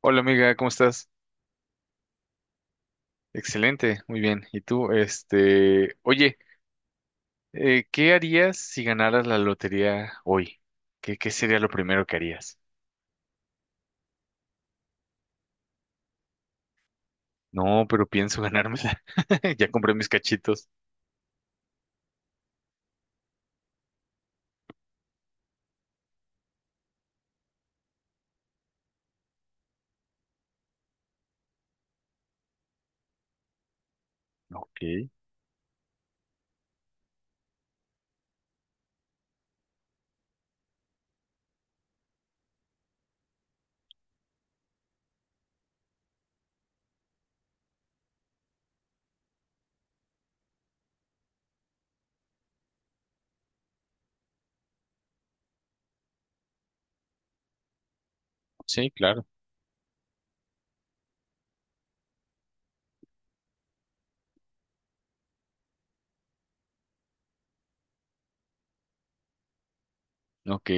Hola amiga, ¿cómo estás? Excelente, muy bien. ¿Y tú? Este, oye, ¿qué harías si ganaras la lotería hoy? ¿Qué sería lo primero que harías? No, pero pienso ganármela. Ya compré mis cachitos. Ok, sí, claro. Ok.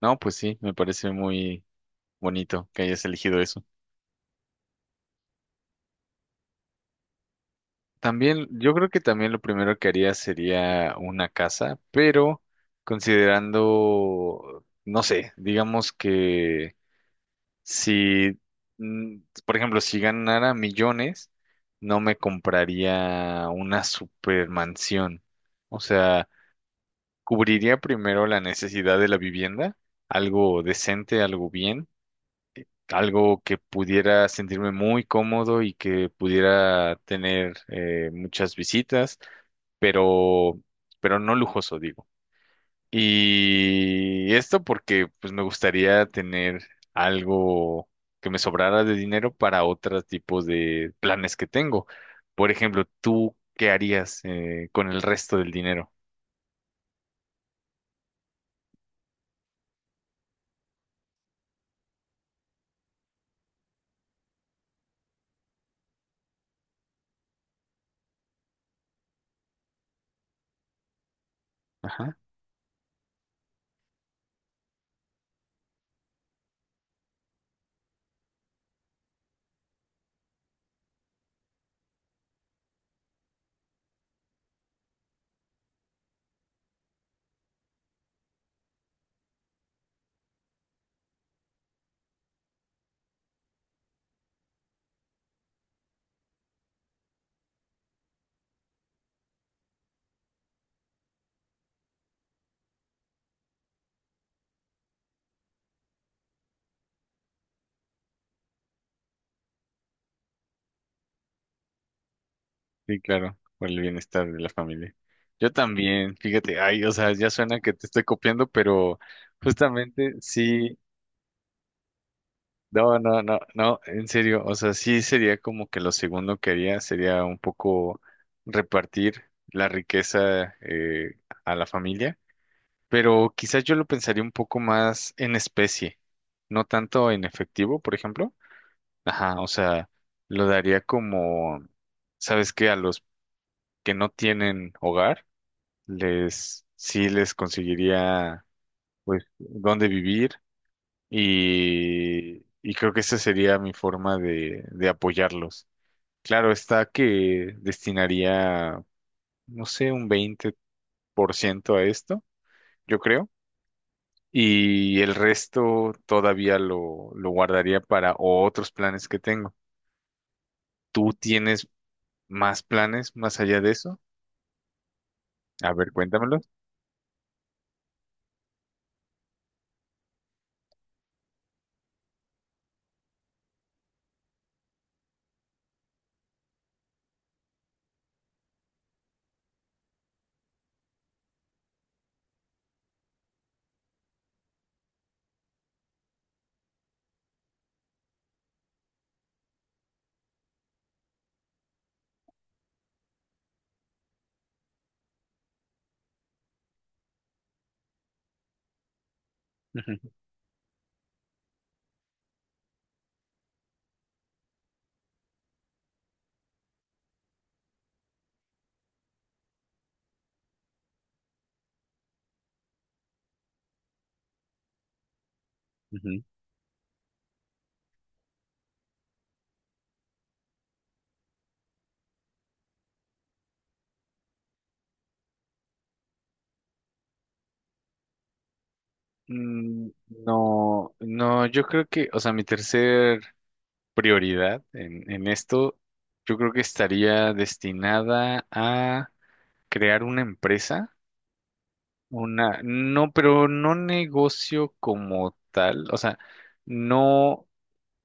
No, pues sí, me parece muy bonito que hayas elegido eso. También, yo creo que también lo primero que haría sería una casa, pero considerando, no sé, digamos que Si, mm, por ejemplo, si ganara millones, no me compraría una supermansión. O sea, cubriría primero la necesidad de la vivienda, algo decente, algo bien, algo que pudiera sentirme muy cómodo y que pudiera tener muchas visitas, pero, pero no lujoso, digo. Y esto porque pues me gustaría tener algo que me sobrara de dinero para otros tipos de planes que tengo. Por ejemplo, ¿tú qué harías con el resto del dinero? Ajá, sí, claro, por el bienestar de la familia. Yo también, fíjate, ay, o sea, ya suena que te estoy copiando, pero justamente sí. No, en serio, o sea, sí sería como que lo segundo que haría sería un poco repartir la riqueza a la familia, pero quizás yo lo pensaría un poco más en especie, no tanto en efectivo, por ejemplo. Ajá, o sea, lo daría como, ¿sabes qué? A los que no tienen hogar, les, sí les conseguiría, pues, dónde vivir y creo que esa sería mi forma de apoyarlos. Claro, está que destinaría, no sé, un 20% a esto, yo creo. Y el resto todavía lo guardaría para otros planes que tengo. ¿Tú tienes más planes más allá de eso? A ver, cuéntamelos. Ujú, ujú. Mm. No, no, yo creo que, o sea, mi tercer prioridad en esto, yo creo que estaría destinada a crear una empresa, una, no, pero no negocio como tal, o sea, no,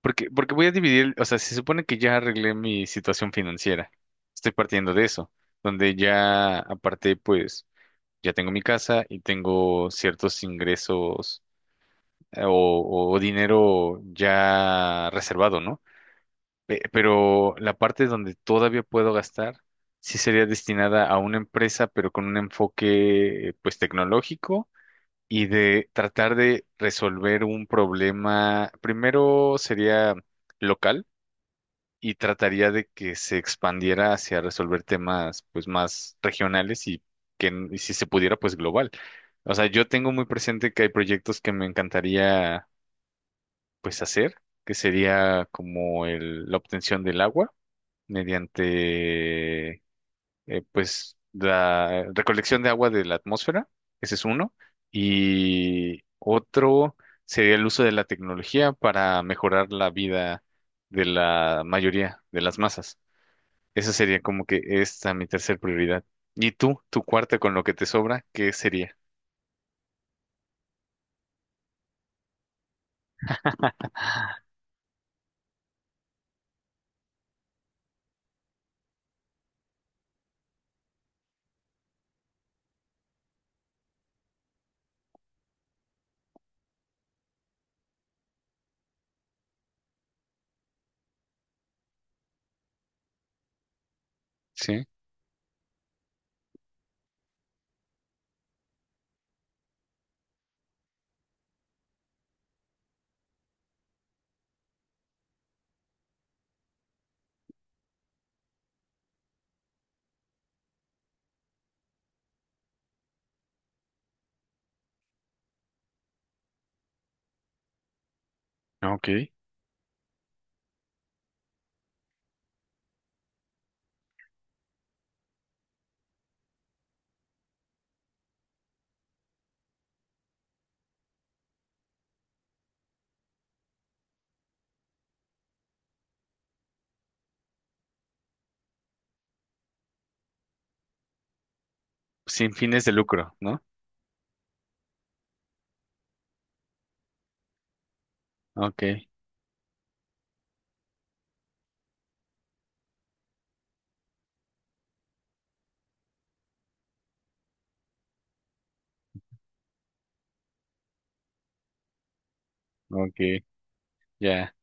porque voy a dividir, o sea, se supone que ya arreglé mi situación financiera, estoy partiendo de eso, donde ya aparte, pues, ya tengo mi casa y tengo ciertos ingresos o dinero ya reservado, ¿no? Pero la parte donde todavía puedo gastar sí sería destinada a una empresa, pero con un enfoque pues tecnológico y de tratar de resolver un problema. Primero sería local y trataría de que se expandiera hacia resolver temas pues más regionales y y si se pudiera pues global. O sea, yo tengo muy presente que hay proyectos que me encantaría pues hacer, que sería como la obtención del agua mediante pues la recolección de agua de la atmósfera, ese es uno, y otro sería el uso de la tecnología para mejorar la vida de la mayoría de las masas. Esa sería como que esta mi tercer prioridad. ¿Y tú, tu cuarta con lo que te sobra, qué sería? Sí, ok. Sin fines de lucro, ¿no? Ok, ok, ya.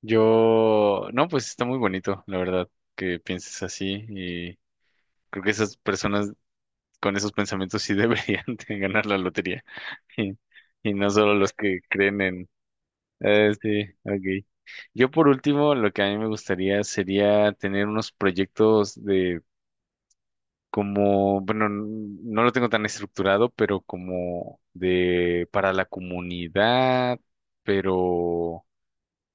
Yo, no, pues está muy bonito, la verdad, que pienses así. Creo que esas personas con esos pensamientos sí deberían de ganar la lotería. Y, y no solo los que creen en... Sí, ok. Yo por último, lo que a mí me gustaría sería tener unos proyectos de como, bueno, no lo tengo tan estructurado, pero como de para la comunidad, pero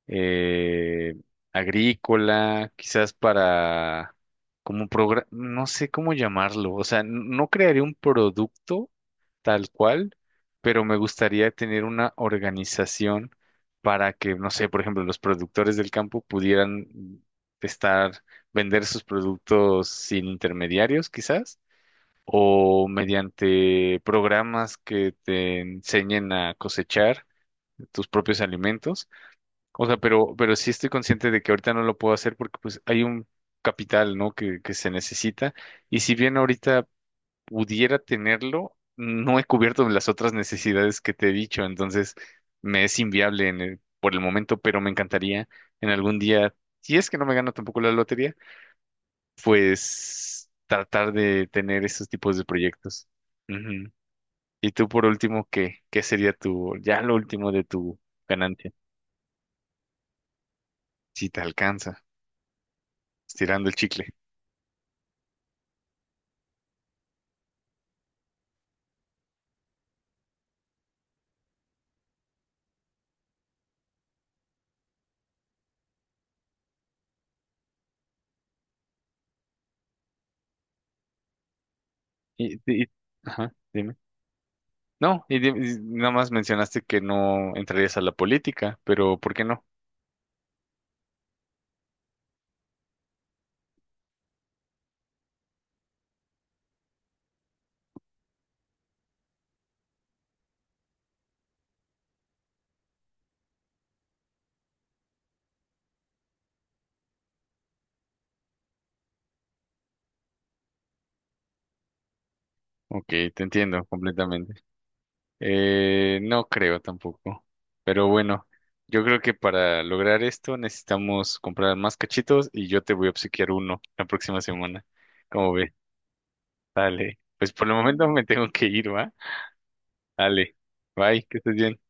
eh, agrícola, quizás para como programa, no sé cómo llamarlo, o sea, no crearía un producto tal cual, pero me gustaría tener una organización para que, no sé, por ejemplo, los productores del campo pudieran estar, vender sus productos sin intermediarios, quizás, o mediante programas que te enseñen a cosechar tus propios alimentos, o sea, pero sí estoy consciente de que ahorita no lo puedo hacer porque pues hay un capital, ¿no? Que se necesita. Y si bien ahorita pudiera tenerlo, no he cubierto las otras necesidades que te he dicho, entonces me es inviable por el momento, pero me encantaría en algún día, si es que no me gano tampoco la lotería, pues tratar de tener esos tipos de proyectos. Ujú. Y tú por último, ¿qué, qué sería tu, ya lo último de tu ganancia, si te alcanza, estirando el chicle? Y, y- ajá, dime. No, y nada más mencionaste que no entrarías a la política, pero ¿por qué no? Ok, te entiendo completamente. No creo tampoco. Pero bueno, yo creo que para lograr esto necesitamos comprar más cachitos y yo te voy a obsequiar uno la próxima semana. ¿Cómo ves? Dale. Pues por el momento me tengo que ir, ¿va? Dale. Bye, que estés bien.